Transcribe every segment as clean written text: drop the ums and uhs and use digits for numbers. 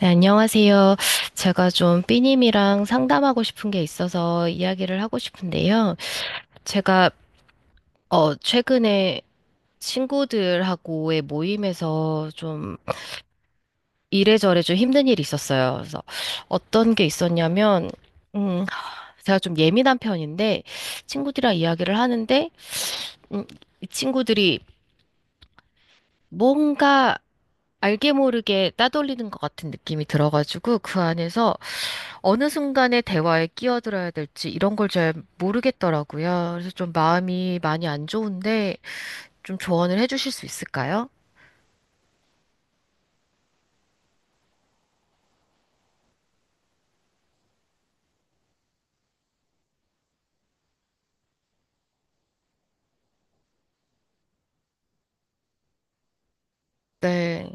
네, 안녕하세요. 제가 좀 삐님이랑 상담하고 싶은 게 있어서 이야기를 하고 싶은데요. 제가, 최근에 친구들하고의 모임에서 좀 이래저래 좀 힘든 일이 있었어요. 그래서 어떤 게 있었냐면, 음, 제가 좀 예민한 편인데, 친구들이랑 이야기를 하는데, 음, 이 친구들이 뭔가 알게 모르게 따돌리는 것 같은 느낌이 들어가지고, 그 안에서 어느 순간에 대화에 끼어들어야 될지 이런 걸 잘 모르겠더라고요. 그래서 좀 마음이 많이 안 좋은데 좀 조언을 해주실 수 있을까요? 네.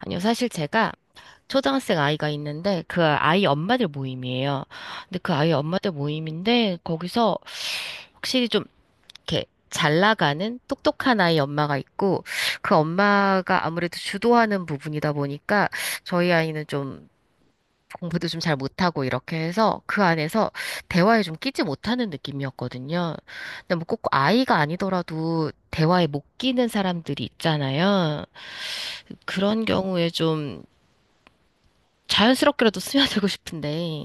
아니요, 사실 제가 초등학생 아이가 있는데 그 아이 엄마들 모임이에요. 근데 그 아이 엄마들 모임인데 거기서 확실히 좀 이렇게 잘 나가는 똑똑한 아이 엄마가 있고 그 엄마가 아무래도 주도하는 부분이다 보니까 저희 아이는 좀 공부도 좀 잘 못하고 이렇게 해서 그 안에서 대화에 좀 끼지 못하는 느낌이었거든요. 근데 뭐 꼭 아이가 아니더라도 대화에 못 끼는 사람들이 있잖아요. 그런 경우에 좀 자연스럽게라도 스며들고 싶은데,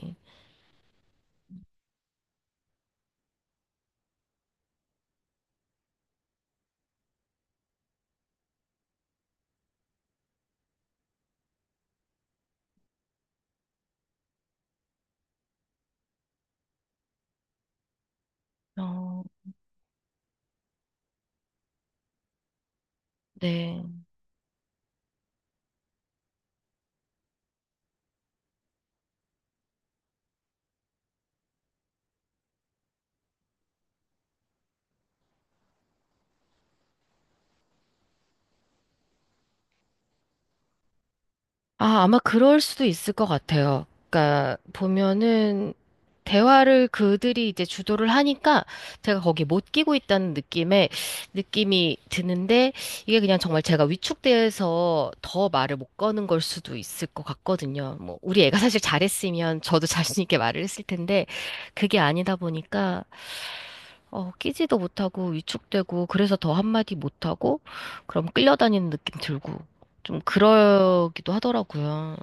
어, 네. 아, 아마 그럴 수도 있을 것 같아요. 그러니까 보면은 대화를 그들이 이제 주도를 하니까 제가 거기 못 끼고 있다는 느낌에 느낌이 드는데 이게 그냥 정말 제가 위축돼서 더 말을 못 거는 걸 수도 있을 것 같거든요. 뭐 우리 애가 사실 잘했으면 저도 자신 있게 말을 했을 텐데 그게 아니다 보니까 끼지도 못하고 위축되고 그래서 더 한마디 못하고 그럼 끌려다니는 느낌 들고 좀 그러기도 하더라고요.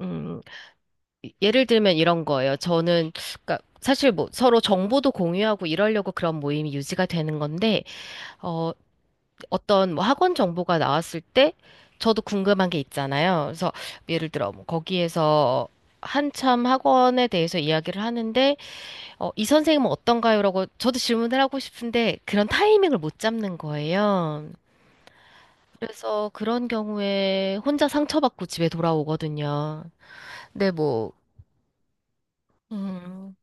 음, 예를 들면 이런 거예요. 저는, 그러니까 사실 뭐 서로 정보도 공유하고 이러려고 그런 모임이 유지가 되는 건데, 어, 어떤 뭐 학원 정보가 나왔을 때 저도 궁금한 게 있잖아요. 그래서 예를 들어 뭐 거기에서 한참 학원에 대해서 이야기를 하는데, 이 선생님은 어떤가요? 라고 저도 질문을 하고 싶은데 그런 타이밍을 못 잡는 거예요. 그래서 그런 경우에 혼자 상처받고 집에 돌아오거든요. 근데 뭐, 음,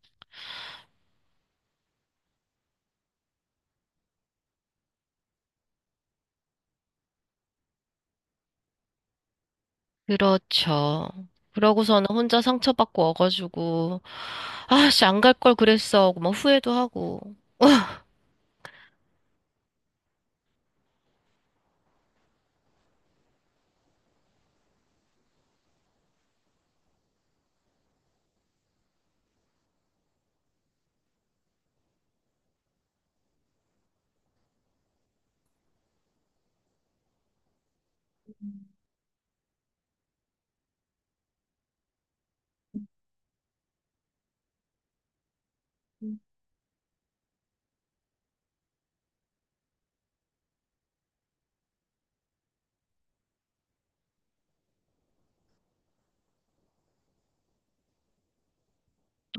그렇죠. 그러고서는 혼자 상처받고 어가지고, 아, 씨, 안 갈 걸 그랬어. 하고 막 후회도 하고.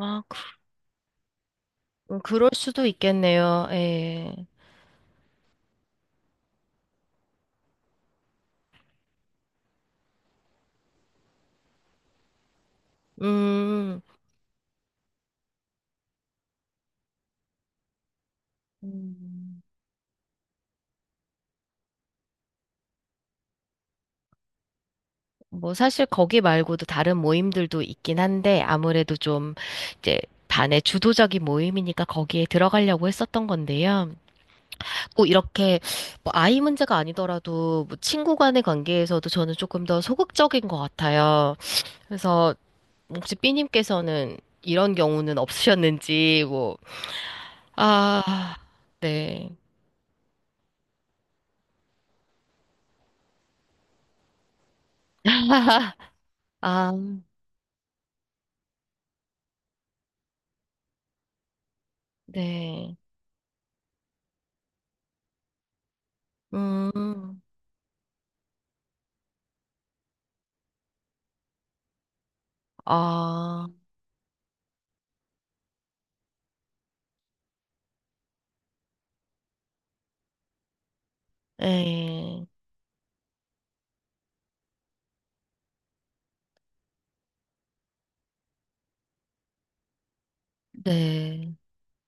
아, 그, 그럴 수도 있겠네요. 예. 음, 음, 뭐, 사실 거기 말고도 다른 모임들도 있긴 한데, 아무래도 좀, 이제, 반의 주도적인 모임이니까 거기에 들어가려고 했었던 건데요. 꼭 이렇게, 뭐 아이 문제가 아니더라도, 뭐 친구 간의 관계에서도 저는 조금 더 소극적인 것 같아요. 그래서, 혹시 삐님께서는 이런 경우는 없으셨는지, 뭐, 아, 네. 아, 네. 음, 아, 네. 네.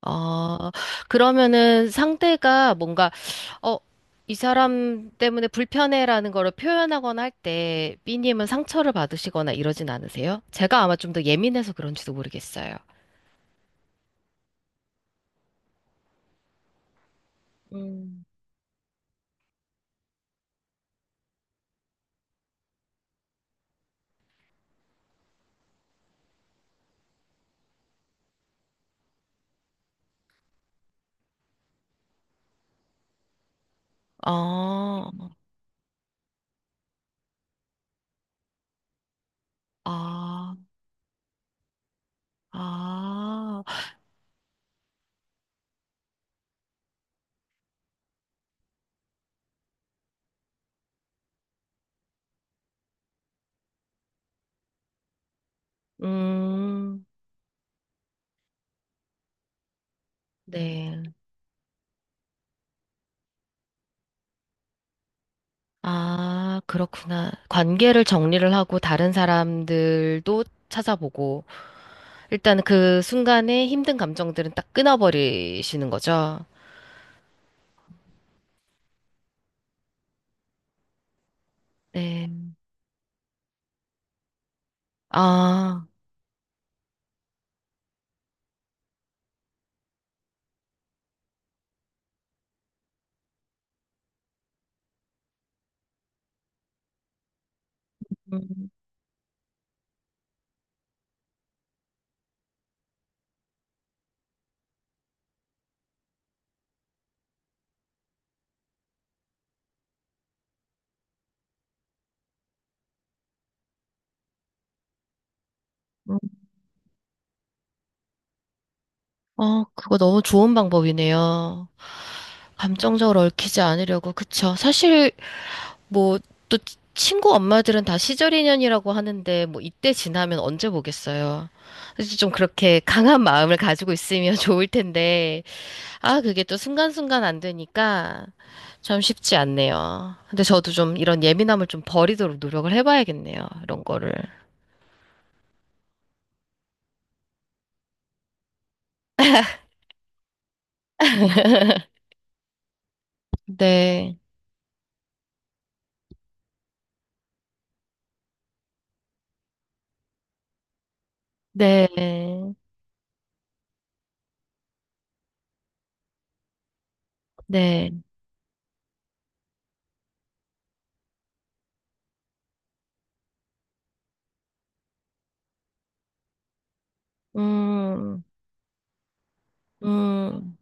아, 그러면은 상대가 뭔가, 어, 이 사람 때문에 불편해라는 거를 표현하거나 할 때, 삐님은 상처를 받으시거나 이러진 않으세요? 제가 아마 좀 더 예민해서 그런지도 모르겠어요. 음. 아, 아, 아. 음, 네. 아, 그렇구나. 관계를 정리를 하고 다른 사람들도 찾아보고, 일단 그 순간에 힘든 감정들은 딱 끊어버리시는 거죠. 네. 아, 음, 음. 어, 그거 너무 좋은 방법이네요. 감정적으로 얽히지 않으려고, 그쵸. 사실 뭐, 또 친구 엄마들은 다 시절 인연이라고 하는데, 뭐, 이때 지나면 언제 보겠어요. 그래서 좀 그렇게 강한 마음을 가지고 있으면 좋을 텐데, 아, 그게 또 순간순간 안 되니까 참 쉽지 않네요. 근데 저도 좀 이런 예민함을 좀 버리도록 노력을 해봐야겠네요. 이런 거를. 네, 네, 네. 음, 음,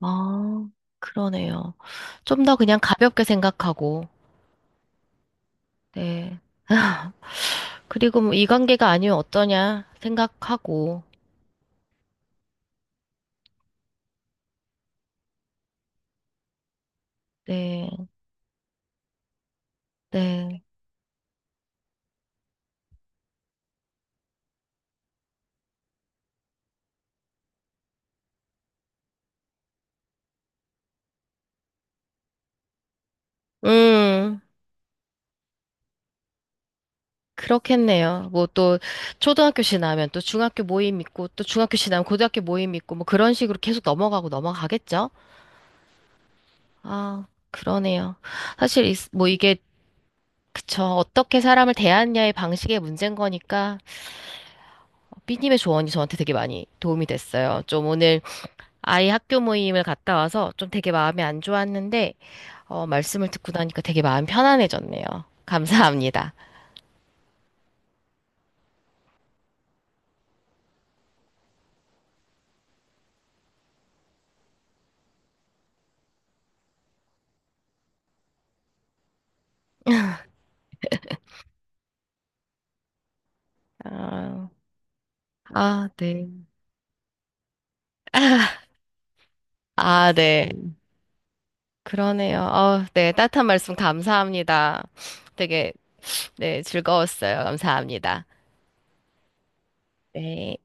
아, 그러네요. 좀 더 그냥 가볍게 생각하고, 네. 그리고 뭐 이 관계가 아니면 어떠냐 생각하고, 네, 네. 음, 그렇겠네요. 뭐 또 초등학교씩 나면 또 중학교 모임 있고, 또 중학교씩 나면 고등학교 모임 있고, 뭐 그런 식으로 계속 넘어가고 넘어가겠죠? 아, 그러네요. 사실 이- 뭐 이게, 그쵸. 어떻게 사람을 대하느냐의 방식의 문제인 거니까, 삐님의 조언이 저한테 되게 많이 도움이 됐어요. 좀 오늘 아이 학교 모임을 갔다 와서 좀 되게 마음이 안 좋았는데, 말씀을 듣고 나니까 되게 마음 편안해졌네요. 감사합니다. 아, 아, 네. 아, 네. 그러네요. 어, 네. 따뜻한 말씀 감사합니다. 되게, 네, 즐거웠어요. 감사합니다. 네.